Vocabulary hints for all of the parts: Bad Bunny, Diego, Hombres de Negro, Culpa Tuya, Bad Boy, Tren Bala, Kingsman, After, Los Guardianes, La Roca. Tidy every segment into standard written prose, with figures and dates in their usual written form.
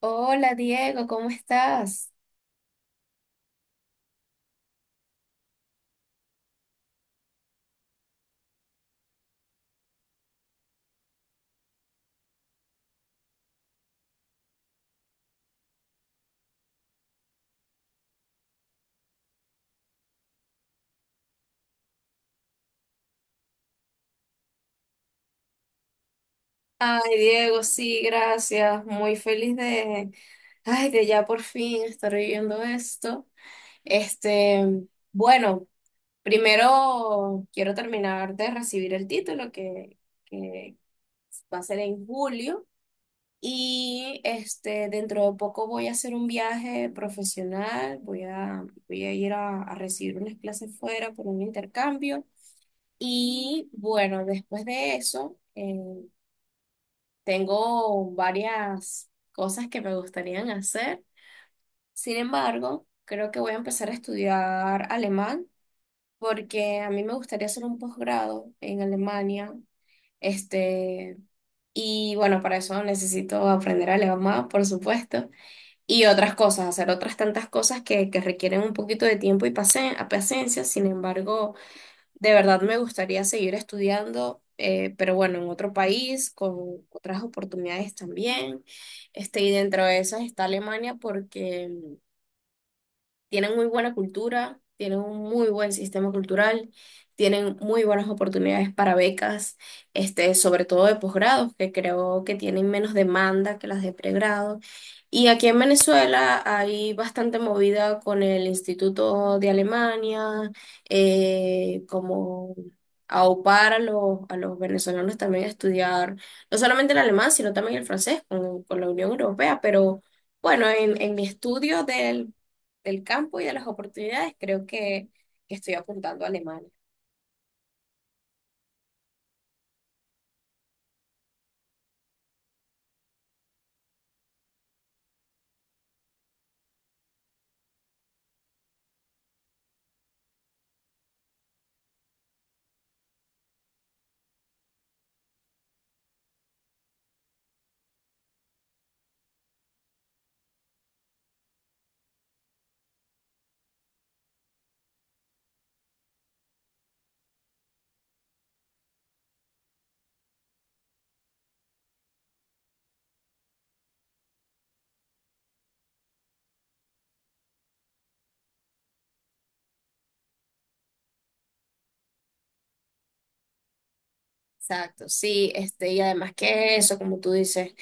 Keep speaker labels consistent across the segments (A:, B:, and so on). A: Hola Diego, ¿cómo estás? Ay, Diego, sí, gracias. Muy feliz de, ay, de ya por fin estar viviendo esto. Este, bueno, primero quiero terminar de recibir el título que va a ser en julio. Y este, dentro de poco voy a hacer un viaje profesional. Voy a ir a recibir unas clases fuera por un intercambio. Y bueno, después de eso. Tengo varias cosas que me gustarían hacer. Sin embargo, creo que voy a empezar a estudiar alemán porque a mí me gustaría hacer un posgrado en Alemania. Este, y bueno, para eso necesito aprender alemán, por supuesto, y otras cosas, hacer otras tantas cosas que requieren un poquito de tiempo y paciencia. Sin embargo, de verdad me gustaría seguir estudiando, pero bueno, en otro país, con otras oportunidades también. Y dentro de esas está Alemania porque tienen muy buena cultura, tienen un muy buen sistema cultural, tienen muy buenas oportunidades para becas, este, sobre todo de posgrados, que creo que tienen menos demanda que las de pregrado. Y aquí en Venezuela hay bastante movida con el Instituto de Alemania, como aupar a los venezolanos también a estudiar, no solamente el alemán, sino también el francés con la Unión Europea, pero... Bueno, en mi estudio del campo y de las oportunidades, creo que estoy apuntando a Alemania. Exacto, sí, este, y además que eso, como tú dices,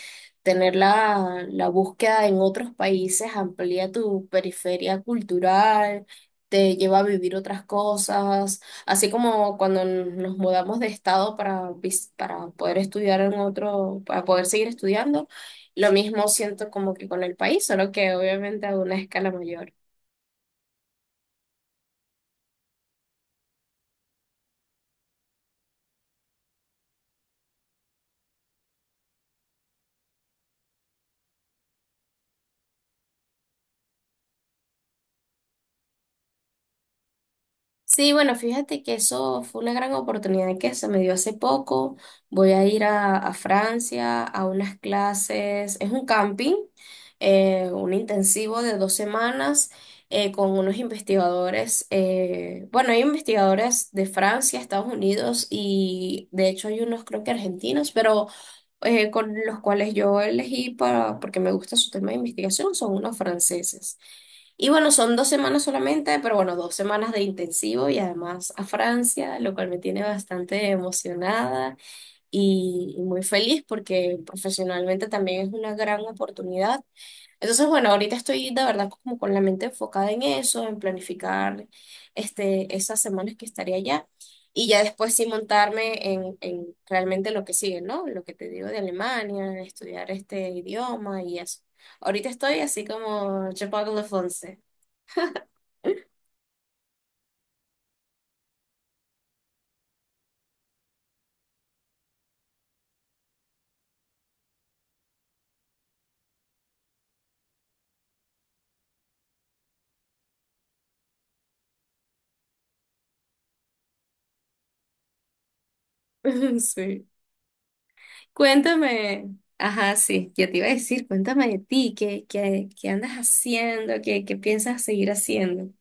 A: tener la búsqueda en otros países amplía tu periferia cultural, te lleva a vivir otras cosas, así como cuando nos mudamos de estado para, para poder estudiar en otro, para poder seguir estudiando, lo mismo siento como que con el país, solo que obviamente a una escala mayor. Sí, bueno, fíjate que eso fue una gran oportunidad que se me dio hace poco. Voy a ir a Francia a unas clases, es un camping, un intensivo de dos semanas con unos investigadores. Bueno, hay investigadores de Francia, Estados Unidos y de hecho hay unos creo que argentinos, pero con los cuales yo elegí porque me gusta su tema de investigación, son unos franceses. Y bueno, son dos semanas solamente, pero bueno, dos semanas de intensivo y además a Francia, lo cual me tiene bastante emocionada y muy feliz porque profesionalmente también es una gran oportunidad. Entonces, bueno, ahorita estoy de verdad como con la mente enfocada en eso, en planificar este, esas semanas que estaré allá y ya después sí montarme en realmente lo que sigue, ¿no? Lo que te digo de Alemania, estudiar este idioma y eso. Ahorita estoy así como je parle français. Sí. Cuéntame, ajá, sí, ya te iba a decir, cuéntame de ti, qué andas haciendo, qué piensas seguir haciendo.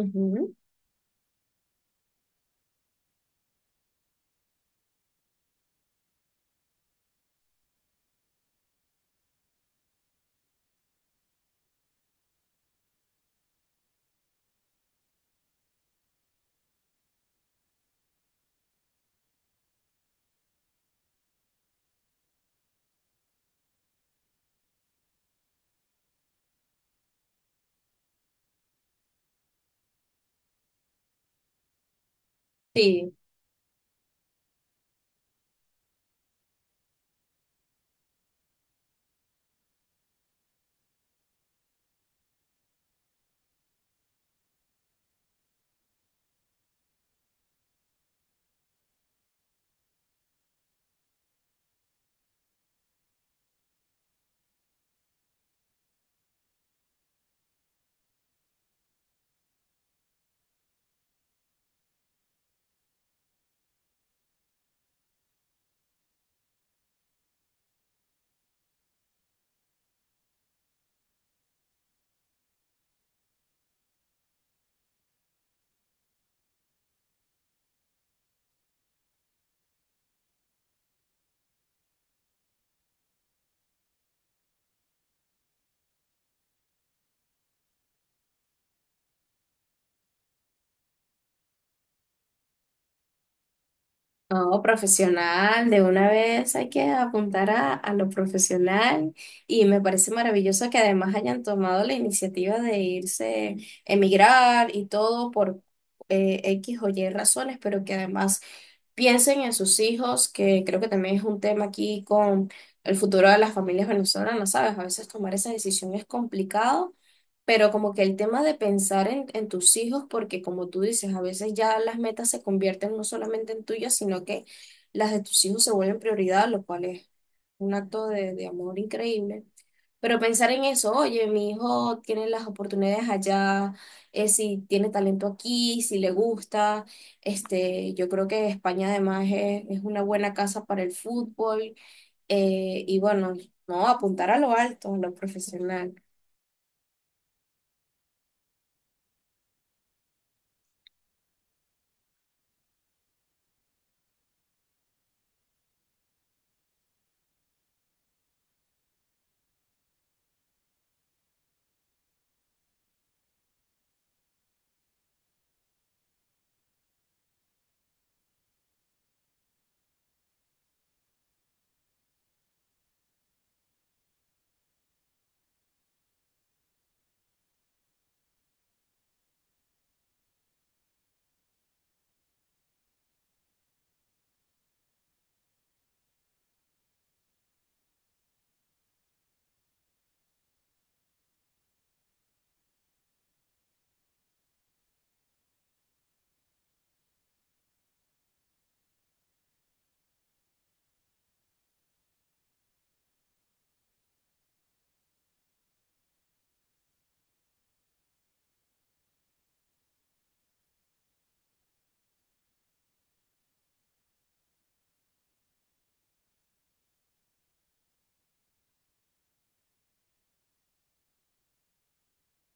A: Ujú. Sí. No, profesional, de una vez hay que apuntar a lo profesional y me parece maravilloso que además hayan tomado la iniciativa de irse, emigrar y todo por X o Y razones, pero que además piensen en sus hijos, que creo que también es un tema aquí con el futuro de las familias venezolanas, ¿sabes? A veces tomar esa decisión es complicado pero como que el tema de pensar en tus hijos, porque como tú dices, a veces ya las metas se convierten no solamente en tuyas, sino que las de tus hijos se vuelven prioridad, lo cual es un acto de amor increíble. Pero pensar en eso, oye, mi hijo tiene las oportunidades allá, si tiene talento aquí, si le gusta, este, yo creo que España además es una buena casa para el fútbol, y bueno, no, apuntar a lo alto, a lo profesional.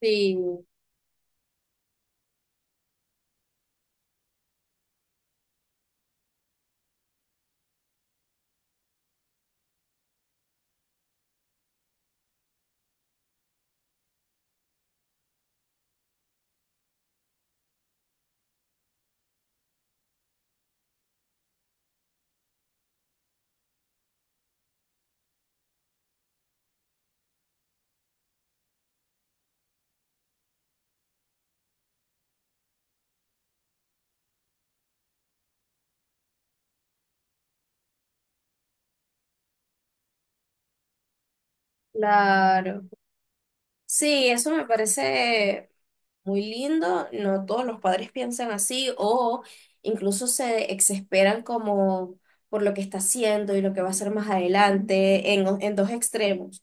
A: Sí. Claro. Sí, eso me parece muy lindo. No todos los padres piensan así o incluso se exesperan como por lo que está haciendo y lo que va a hacer más adelante en dos extremos.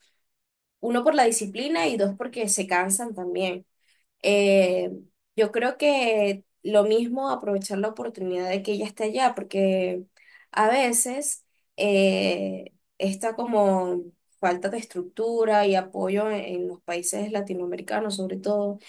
A: Uno por la disciplina y dos porque se cansan también. Eh, yo creo que lo mismo aprovechar la oportunidad de que ella esté allá, porque a veces esta como falta de estructura y apoyo en los países latinoamericanos, sobre todo,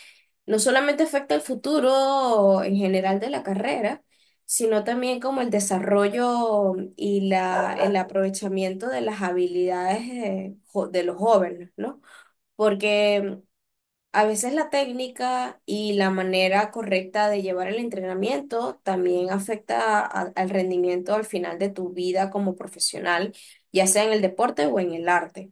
A: no solamente afecta el futuro en general de la carrera, sino también como el desarrollo y la, el aprovechamiento de las habilidades de los jóvenes, ¿no? Porque a veces la técnica y la manera correcta de llevar el entrenamiento también afecta al rendimiento al final de tu vida como profesional, ya sea en el deporte o en el arte.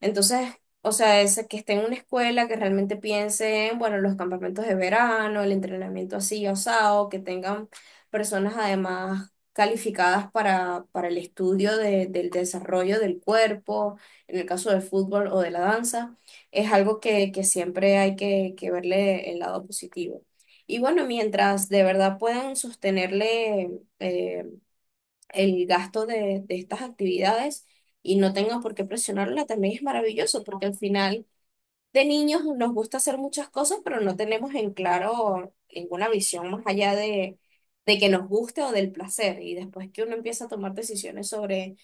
A: Entonces, o sea, es que esté en una escuela que realmente piense en, bueno, los campamentos de verano, el entrenamiento así osado, que tengan personas además calificadas para el estudio del desarrollo del cuerpo, en el caso del fútbol o de la danza es algo que siempre hay que verle el lado positivo. Y bueno, mientras de verdad puedan sostenerle eh, el gasto de estas actividades y no tengan por qué presionarla, también es maravilloso, porque al final de niños nos gusta hacer muchas cosas, pero no tenemos en claro ninguna visión más allá de que nos guste o del placer. Y después que uno empieza a tomar decisiones sobre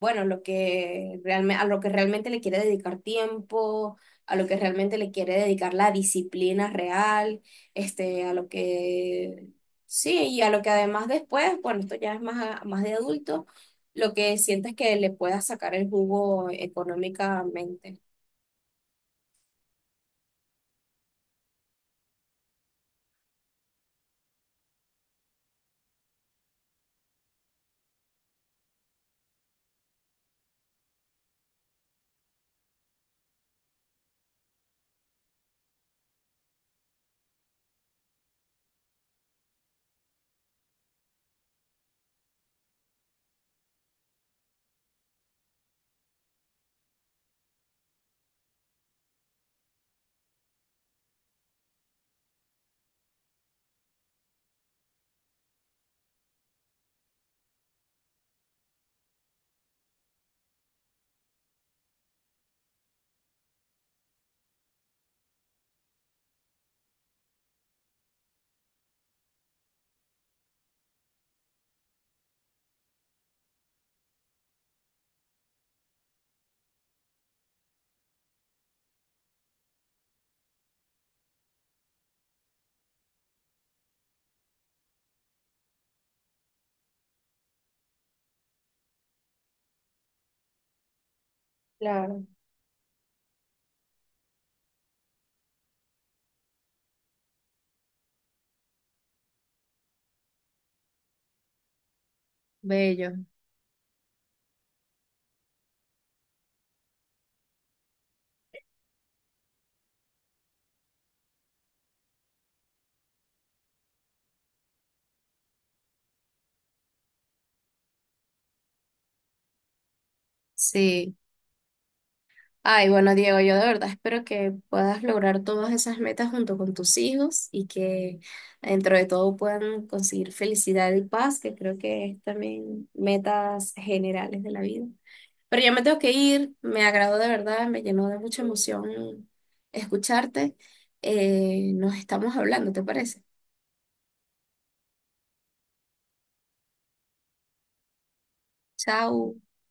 A: bueno, lo que a lo que realmente le quiere dedicar tiempo, a lo que realmente le quiere dedicar la disciplina real, este, a lo que, sí, y a lo que además después, bueno, esto ya es más, más de adulto, lo que sientes que le pueda sacar el jugo económicamente. Claro. Bello, sí. Ay, bueno, Diego, yo de verdad espero que puedas lograr todas esas metas junto con tus hijos y que dentro de todo puedan conseguir felicidad y paz, que creo que es también metas generales de la vida. Pero ya me tengo que ir, me agradó de verdad, me llenó de mucha emoción escucharte. Nos estamos hablando, ¿te parece? Chao.